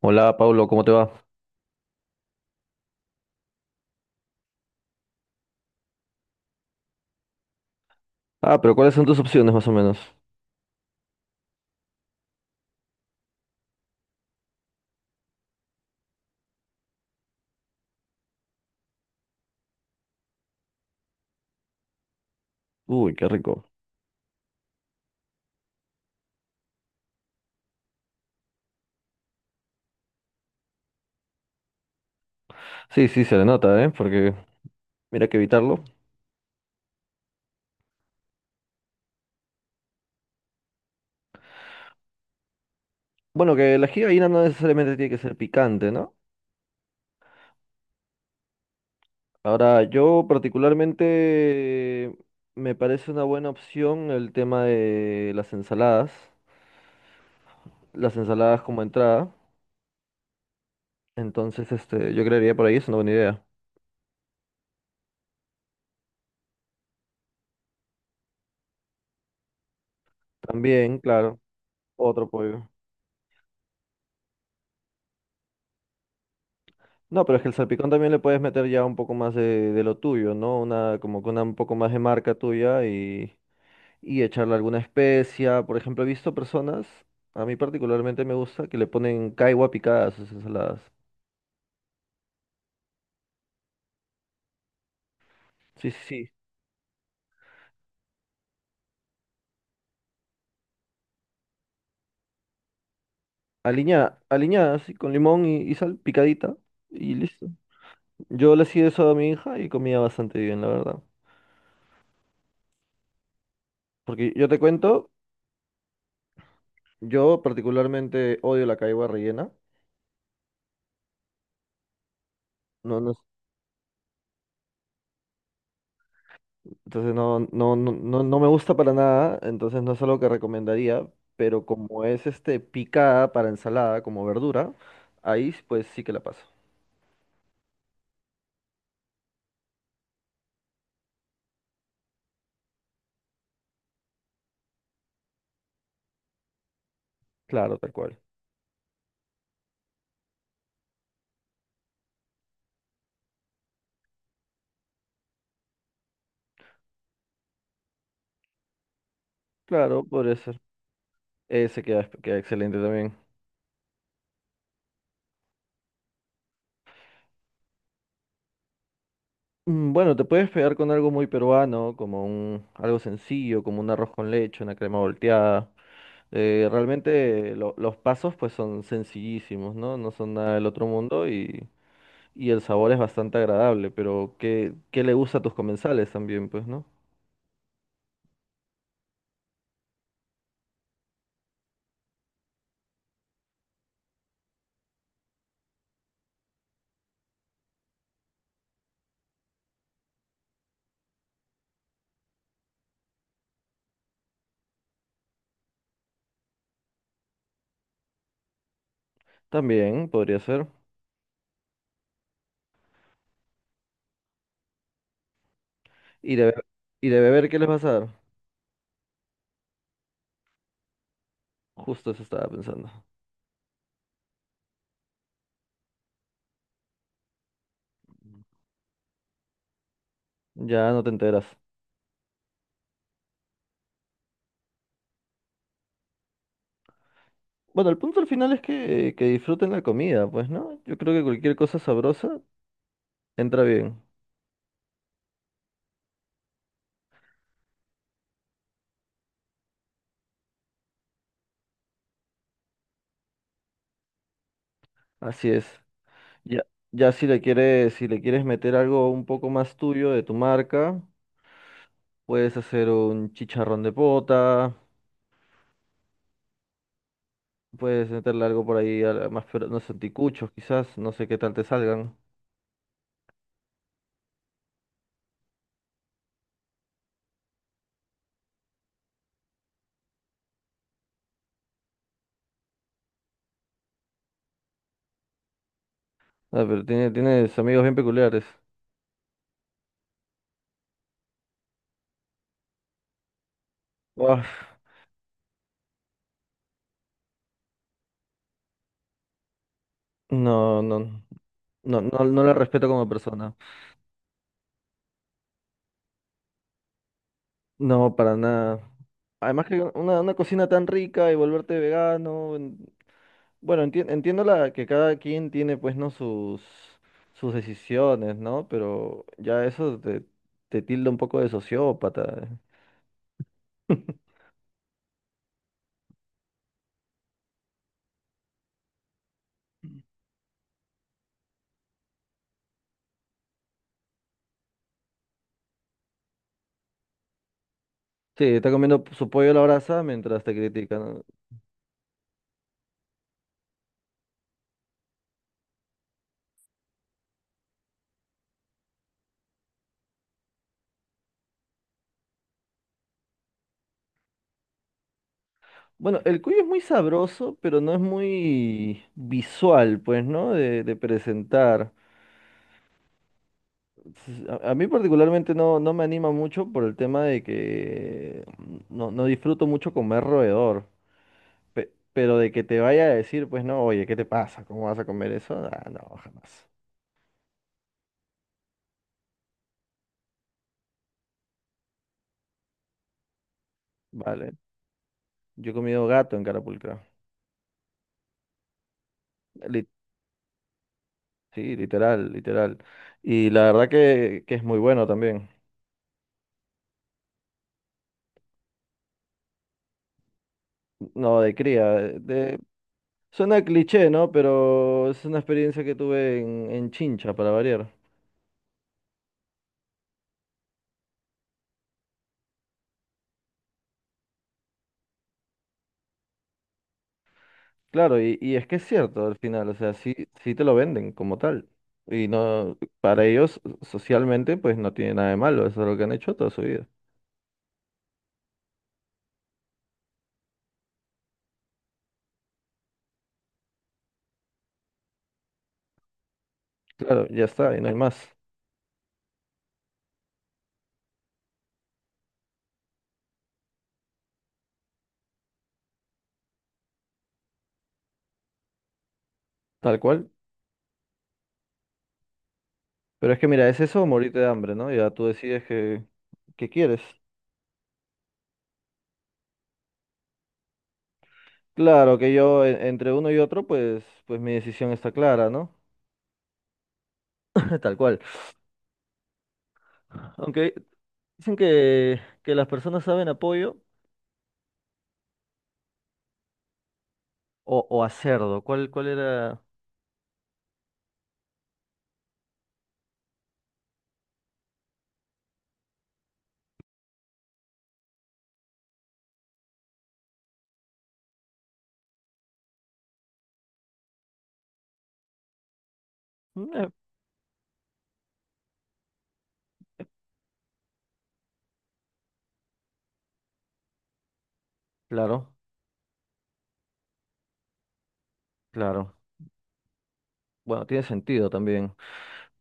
Hola, Pablo, ¿cómo te va? Ah, pero ¿cuáles son tus opciones más o menos? Uy, qué rico. Sí, sí, se le nota, ¿eh? Porque mira que evitarlo. Bueno, que la ají de gallina no necesariamente tiene que ser picante, ¿no? Ahora, yo particularmente me parece una buena opción el tema de las ensaladas. Las ensaladas como entrada. Entonces, este, yo creería por ahí es una buena idea. También, claro, otro pollo. No, pero es que el salpicón también le puedes meter ya un poco más de lo tuyo, ¿no? Una, como que una un poco más de marca tuya y echarle alguna especia. Por ejemplo, he visto personas, a mí particularmente me gusta, que le ponen caigua picada a sus ensaladas. Sí, sí, sí. Aliñada, aliñada, así, con limón y sal, picadita, y listo. Yo le hacía eso a mi hija y comía bastante bien, la verdad. Porque yo te cuento, yo particularmente odio la caigua rellena. No, no. Entonces no, no, no, no me gusta para nada, entonces no es algo que recomendaría, pero como es este picada para ensalada como verdura, ahí pues sí que la paso. Claro, tal cual. Claro, podría ser. Ese queda, queda excelente también. Bueno, te puedes pegar con algo muy peruano, como un, algo sencillo, como un arroz con leche, una crema volteada. Realmente los pasos pues son sencillísimos, ¿no? No son nada del otro mundo. Y el sabor es bastante agradable, pero ¿qué, qué le gusta a tus comensales también, pues, ¿no? También podría ser. ¿Y y de beber qué les vas a dar? Justo eso estaba pensando. Ya no te enteras. Bueno, el punto al final es que disfruten la comida, pues, ¿no? Yo creo que cualquier cosa sabrosa entra bien. Así es. Ya, ya si le quieres, si le quieres meter algo un poco más tuyo de tu marca, puedes hacer un chicharrón de pota. Puedes meterle algo por ahí, más pero no sé, anticuchos quizás, no sé qué tal te salgan. Ah, pero tiene, tienes amigos bien peculiares. Uaf, no, no, no, no, no la respeto como persona. No, para nada. Además que una cocina tan rica y volverte vegano. Bueno, entiendo la, que cada quien tiene pues no sus, sus decisiones, ¿no? Pero ya eso te, te tilda un poco de sociópata. Sí, está comiendo su pollo a la brasa mientras te critican. Bueno, el cuyo es muy sabroso, pero no es muy visual, pues, ¿no? De presentar. A mí particularmente no, no me anima mucho por el tema de que no, no disfruto mucho comer roedor. Pero de que te vaya a decir, pues, no, oye, ¿qué te pasa? ¿Cómo vas a comer eso? Ah, no, jamás. Vale. Yo he comido gato en Carapulcra. Li- sí, literal, literal. Y la verdad que es muy bueno también. No, de cría. Suena cliché, ¿no? Pero es una experiencia que tuve en Chincha, para variar. Claro, y es que es cierto al final, o sea, sí, sí te lo venden como tal. Y no, para ellos, socialmente, pues no tiene nada de malo, eso es lo que han hecho toda su vida. Claro, ya está, y no hay más, tal cual. Pero es que mira, es eso o morirte de hambre, ¿no? Ya tú decides que quieres. Claro que yo, entre uno y otro, pues, pues mi decisión está clara, ¿no? Tal cual. Aunque dicen que las personas saben apoyo. O a cerdo, ¿cuál, cuál era? Eh, claro, claro. Bueno, tiene sentido también.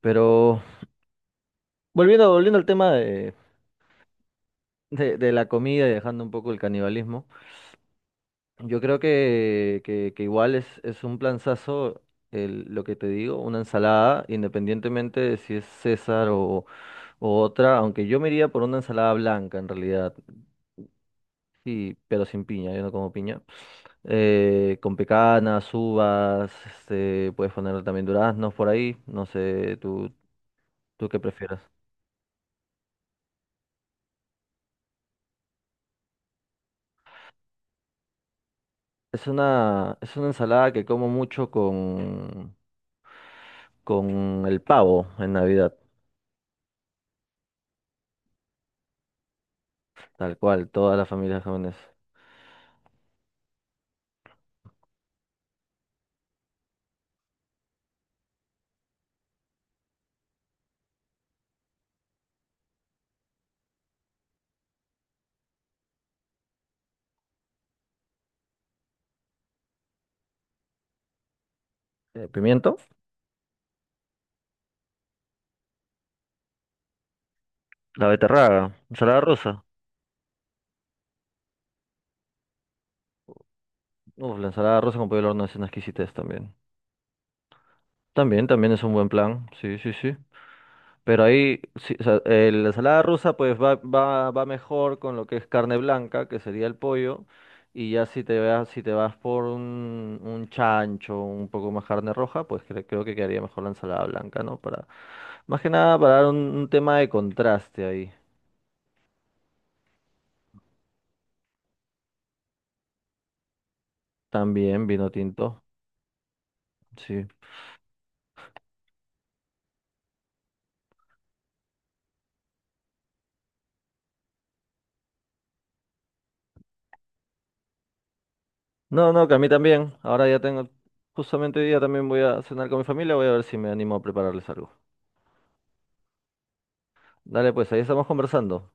Pero volviendo, volviendo al tema de la comida y dejando un poco el canibalismo, yo creo que igual es un planzazo el, lo que te digo, una ensalada, independientemente de si es César o otra, aunque yo me iría por una ensalada blanca en realidad. Sí, pero sin piña, yo no como piña. Con pecanas, uvas, este, puedes poner también duraznos por ahí, no sé, tú qué prefieras. Es una ensalada que como mucho con el pavo en Navidad, tal cual, todas las familias jóvenes. Pimiento, la beterraga, ensalada rosa. Uf, la ensalada rosa con pollo al horno es una exquisitez también. También, también es un buen plan, sí, sí, sí. Pero ahí, sí, o sea, la ensalada rusa pues va, va, va mejor con lo que es carne blanca, que sería el pollo, y ya si te vas, si te vas por un chancho, un poco más carne roja, pues creo que quedaría mejor la ensalada blanca, ¿no? Para, más que nada para dar un tema de contraste ahí. También vino tinto, sí. No, no, que a mí también. Ahora ya tengo, justamente hoy día también voy a cenar con mi familia, voy a ver si me animo a prepararles algo. Dale, pues ahí estamos conversando.